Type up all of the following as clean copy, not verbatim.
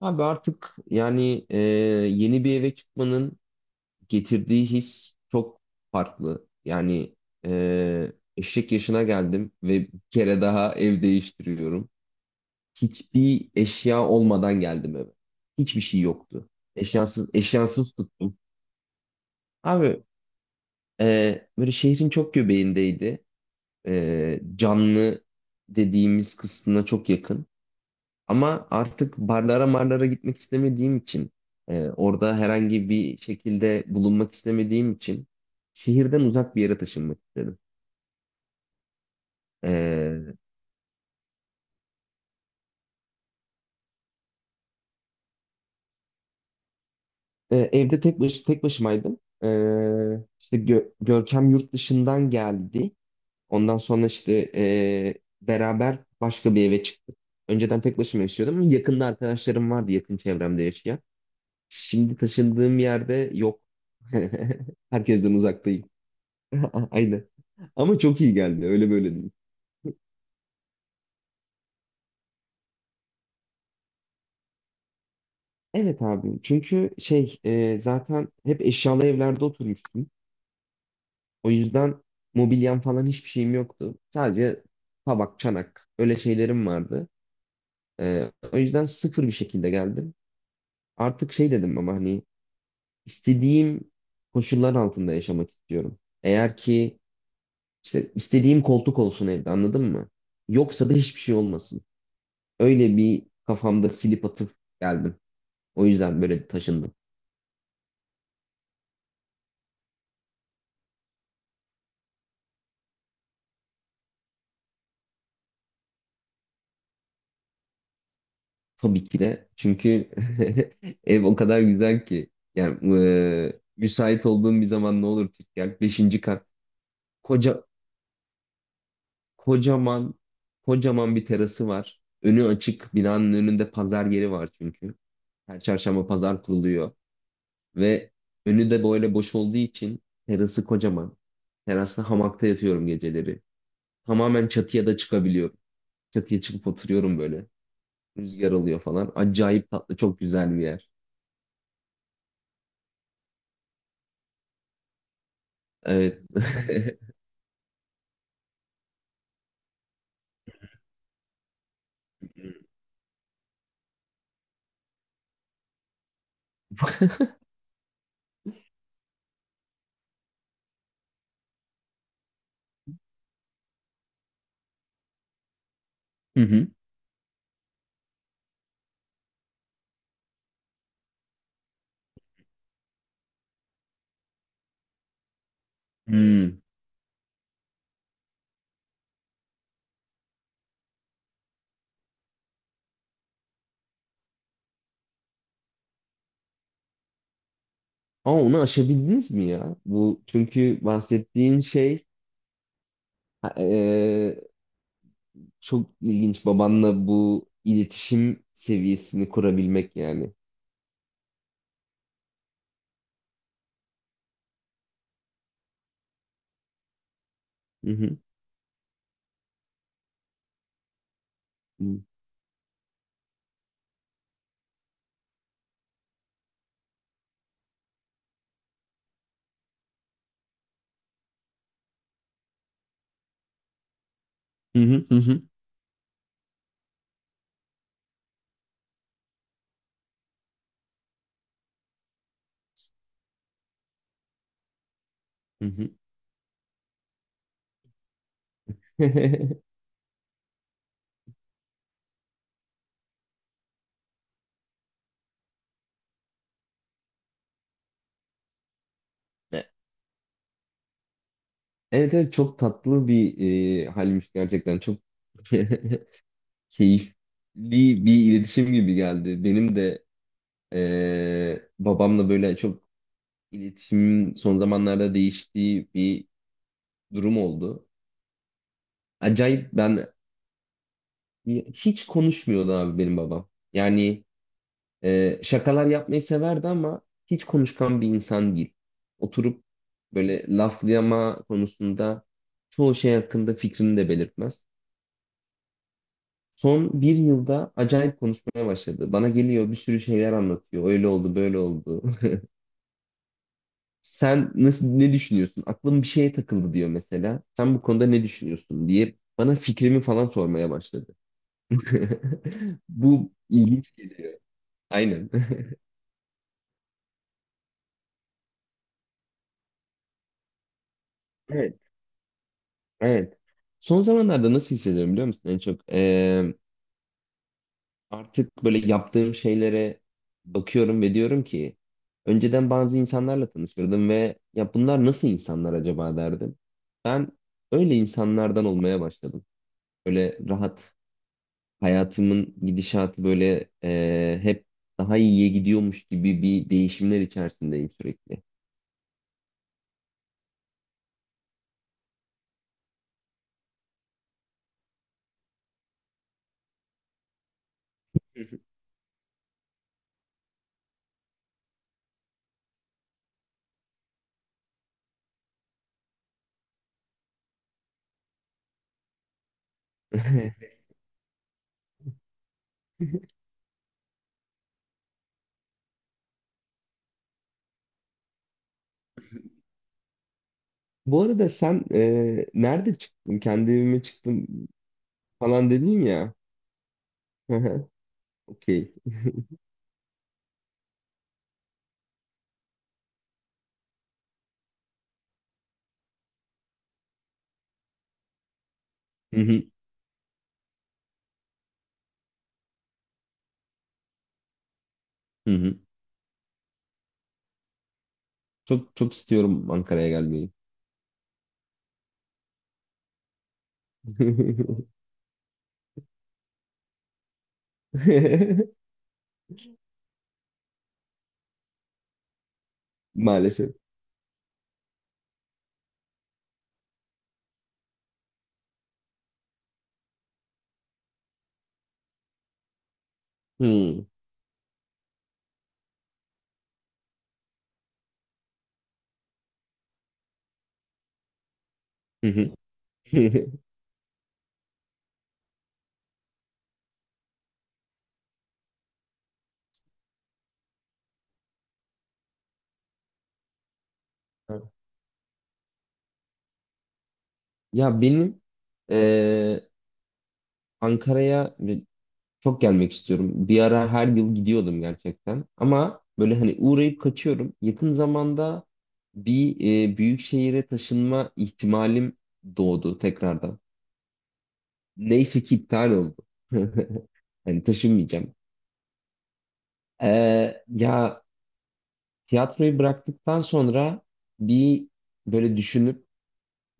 Abi artık yeni bir eve çıkmanın getirdiği his çok farklı. Yani eşek yaşına geldim ve bir kere daha ev değiştiriyorum. Hiçbir eşya olmadan geldim eve. Hiçbir şey yoktu. Eşyasız tuttum. Abi, böyle şehrin çok göbeğindeydi. Canlı dediğimiz kısmına çok yakın. Ama artık barlara marlara gitmek istemediğim için, orada herhangi bir şekilde bulunmak istemediğim için şehirden uzak bir yere taşınmak istedim. E, Evde tek başımaydım. İşte Görkem yurt dışından geldi. Ondan sonra beraber başka bir eve çıktık. Önceden tek başıma yaşıyordum ama yakında arkadaşlarım vardı, yakın çevremde yaşayan. Şimdi taşındığım yerde yok. Herkesten uzaktayım. Aynen. Ama çok iyi geldi. Öyle böyle değil. Evet abi. Çünkü zaten hep eşyalı evlerde oturmuştum. O yüzden mobilyam falan hiçbir şeyim yoktu. Sadece tabak, çanak öyle şeylerim vardı. O yüzden sıfır bir şekilde geldim. Artık şey dedim ama hani istediğim koşullar altında yaşamak istiyorum. Eğer ki işte istediğim koltuk olsun evde, anladın mı? Yoksa da hiçbir şey olmasın. Öyle bir kafamda silip atıp geldim. O yüzden böyle taşındım. Tabii ki de. Çünkü ev o kadar güzel ki. Müsait olduğum bir zaman ne olur. Yak beşinci kat. Koca, kocaman kocaman bir terası var. Önü açık. Binanın önünde pazar yeri var çünkü. Her çarşamba pazar kuruluyor. Ve önü de böyle boş olduğu için terası kocaman. Terasta hamakta yatıyorum geceleri. Tamamen çatıya da çıkabiliyorum. Çatıya çıkıp oturuyorum böyle. Rüzgar alıyor falan. Acayip tatlı, çok güzel bir yer. Evet. Hı hı. Hmm. Ama onu aşabildiniz mi ya? Bu çünkü bahsettiğin şey ha- e, çok ilginç, babanla bu iletişim seviyesini kurabilmek yani. Hı hı. Hı hı hı hı. Hı hı. Evet, evet, çok tatlı bir halmiş gerçekten, çok keyifli bir iletişim gibi geldi. Benim de babamla böyle çok iletişimin son zamanlarda değiştiği bir durum oldu. Acayip, ben, hiç konuşmuyordu abi benim babam. Yani, şakalar yapmayı severdi ama hiç konuşkan bir insan değil. Oturup böyle laflayama konusunda çoğu şey hakkında fikrini de belirtmez. Son bir yılda acayip konuşmaya başladı. Bana geliyor, bir sürü şeyler anlatıyor. Öyle oldu, böyle oldu. Sen nasıl, ne düşünüyorsun? Aklım bir şeye takıldı diyor mesela. Sen bu konuda ne düşünüyorsun diye bana fikrimi falan sormaya başladı. Bu ilginç geliyor. Aynen. Evet, evet. Son zamanlarda nasıl hissediyorum biliyor musun? En çok Artık böyle yaptığım şeylere bakıyorum ve diyorum ki önceden bazı insanlarla tanışırdım ve ya bunlar nasıl insanlar acaba derdim. Ben öyle insanlardan olmaya başladım. Böyle rahat, hayatımın gidişatı böyle, hep daha iyiye gidiyormuş gibi bir değişimler içerisindeyim sürekli. Hı hı. Bu arada sen nerede çıktın? Kendi evime çıktım falan dedin ya. Hı hı, okey. Hı hı, hı hı. Çok çok istiyorum Ankara'ya gelmeyi. Maalesef. Hı, hı hı, hı. Ya benim e, Ankara'ya çok gelmek istiyorum. Bir ara her yıl gidiyordum gerçekten. Ama böyle hani uğrayıp kaçıyorum. Yakın zamanda bir büyük şehire taşınma ihtimalim doğdu tekrardan. Neyse ki iptal oldu. Hani taşınmayacağım. Ya tiyatroyu bıraktıktan sonra bir böyle düşünüp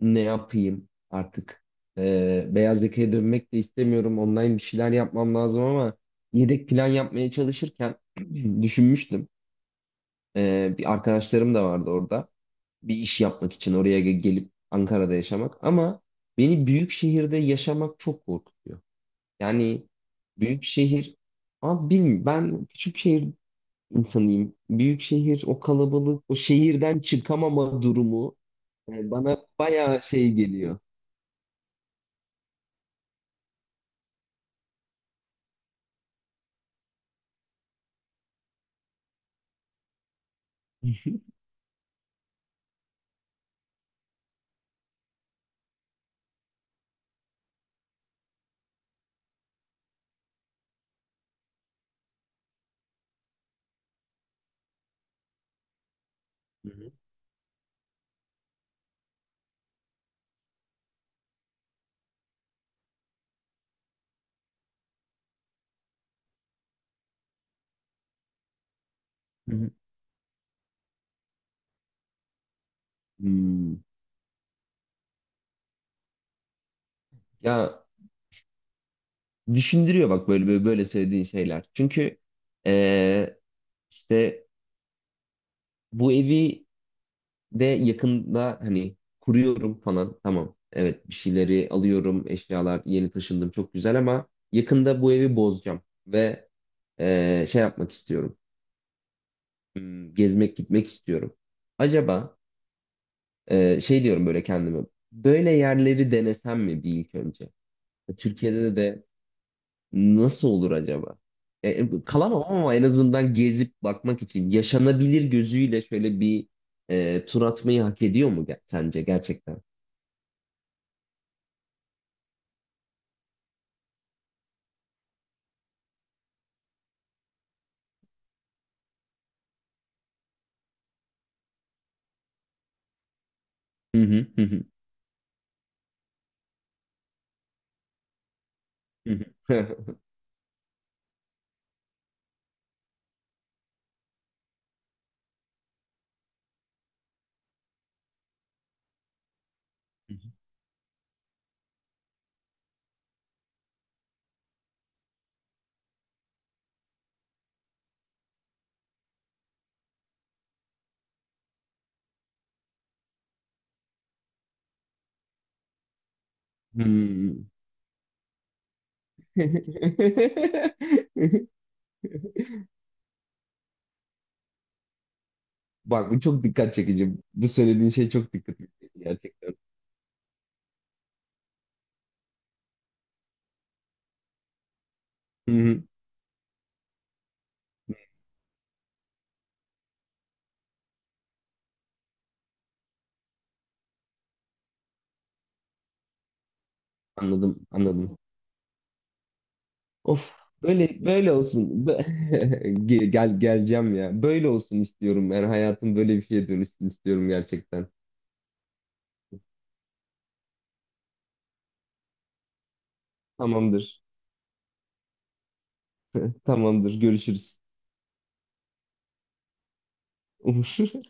ne yapayım artık. Beyaz yakaya dönmek de istemiyorum. Online bir şeyler yapmam lazım ama yedek plan yapmaya çalışırken düşünmüştüm. Bir arkadaşlarım da vardı orada. Bir iş yapmak için oraya gelip Ankara'da yaşamak. Ama beni büyük şehirde yaşamak çok korkutuyor. Yani büyük şehir, abi bilmiyorum, ben küçük şehir insanıyım. Büyük şehir, o kalabalık, o şehirden çıkamama durumu bana bayağı şey geliyor. Hı hı. Hı hı. Hmm. Ya düşündürüyor bak böyle böyle söylediğin şeyler. Çünkü e, işte bu evi de yakında hani kuruyorum falan. Tamam. Evet, bir şeyleri alıyorum. Eşyalar, yeni taşındım. Çok güzel ama yakında bu evi bozacağım. Ve şey yapmak istiyorum. Gezmek gitmek istiyorum. Acaba şey diyorum böyle kendime. Böyle yerleri denesem mi bir ilk önce? Türkiye'de de nasıl olur acaba? Kalamam ama en azından gezip bakmak için yaşanabilir gözüyle şöyle bir tur atmayı hak ediyor mu, sence gerçekten? Hı hı hı, hı. Hı hı. Hmm. Bak bu çok dikkat çekici. Bu söylediğin şey çok dikkat çekici gerçekten. Hı hı. Anladım, anladım. Of, böyle böyle olsun. Gel, geleceğim ya. Böyle olsun istiyorum. Yani hayatım böyle bir şeye dönüşsün istiyorum gerçekten. Tamamdır. Tamamdır. Görüşürüz.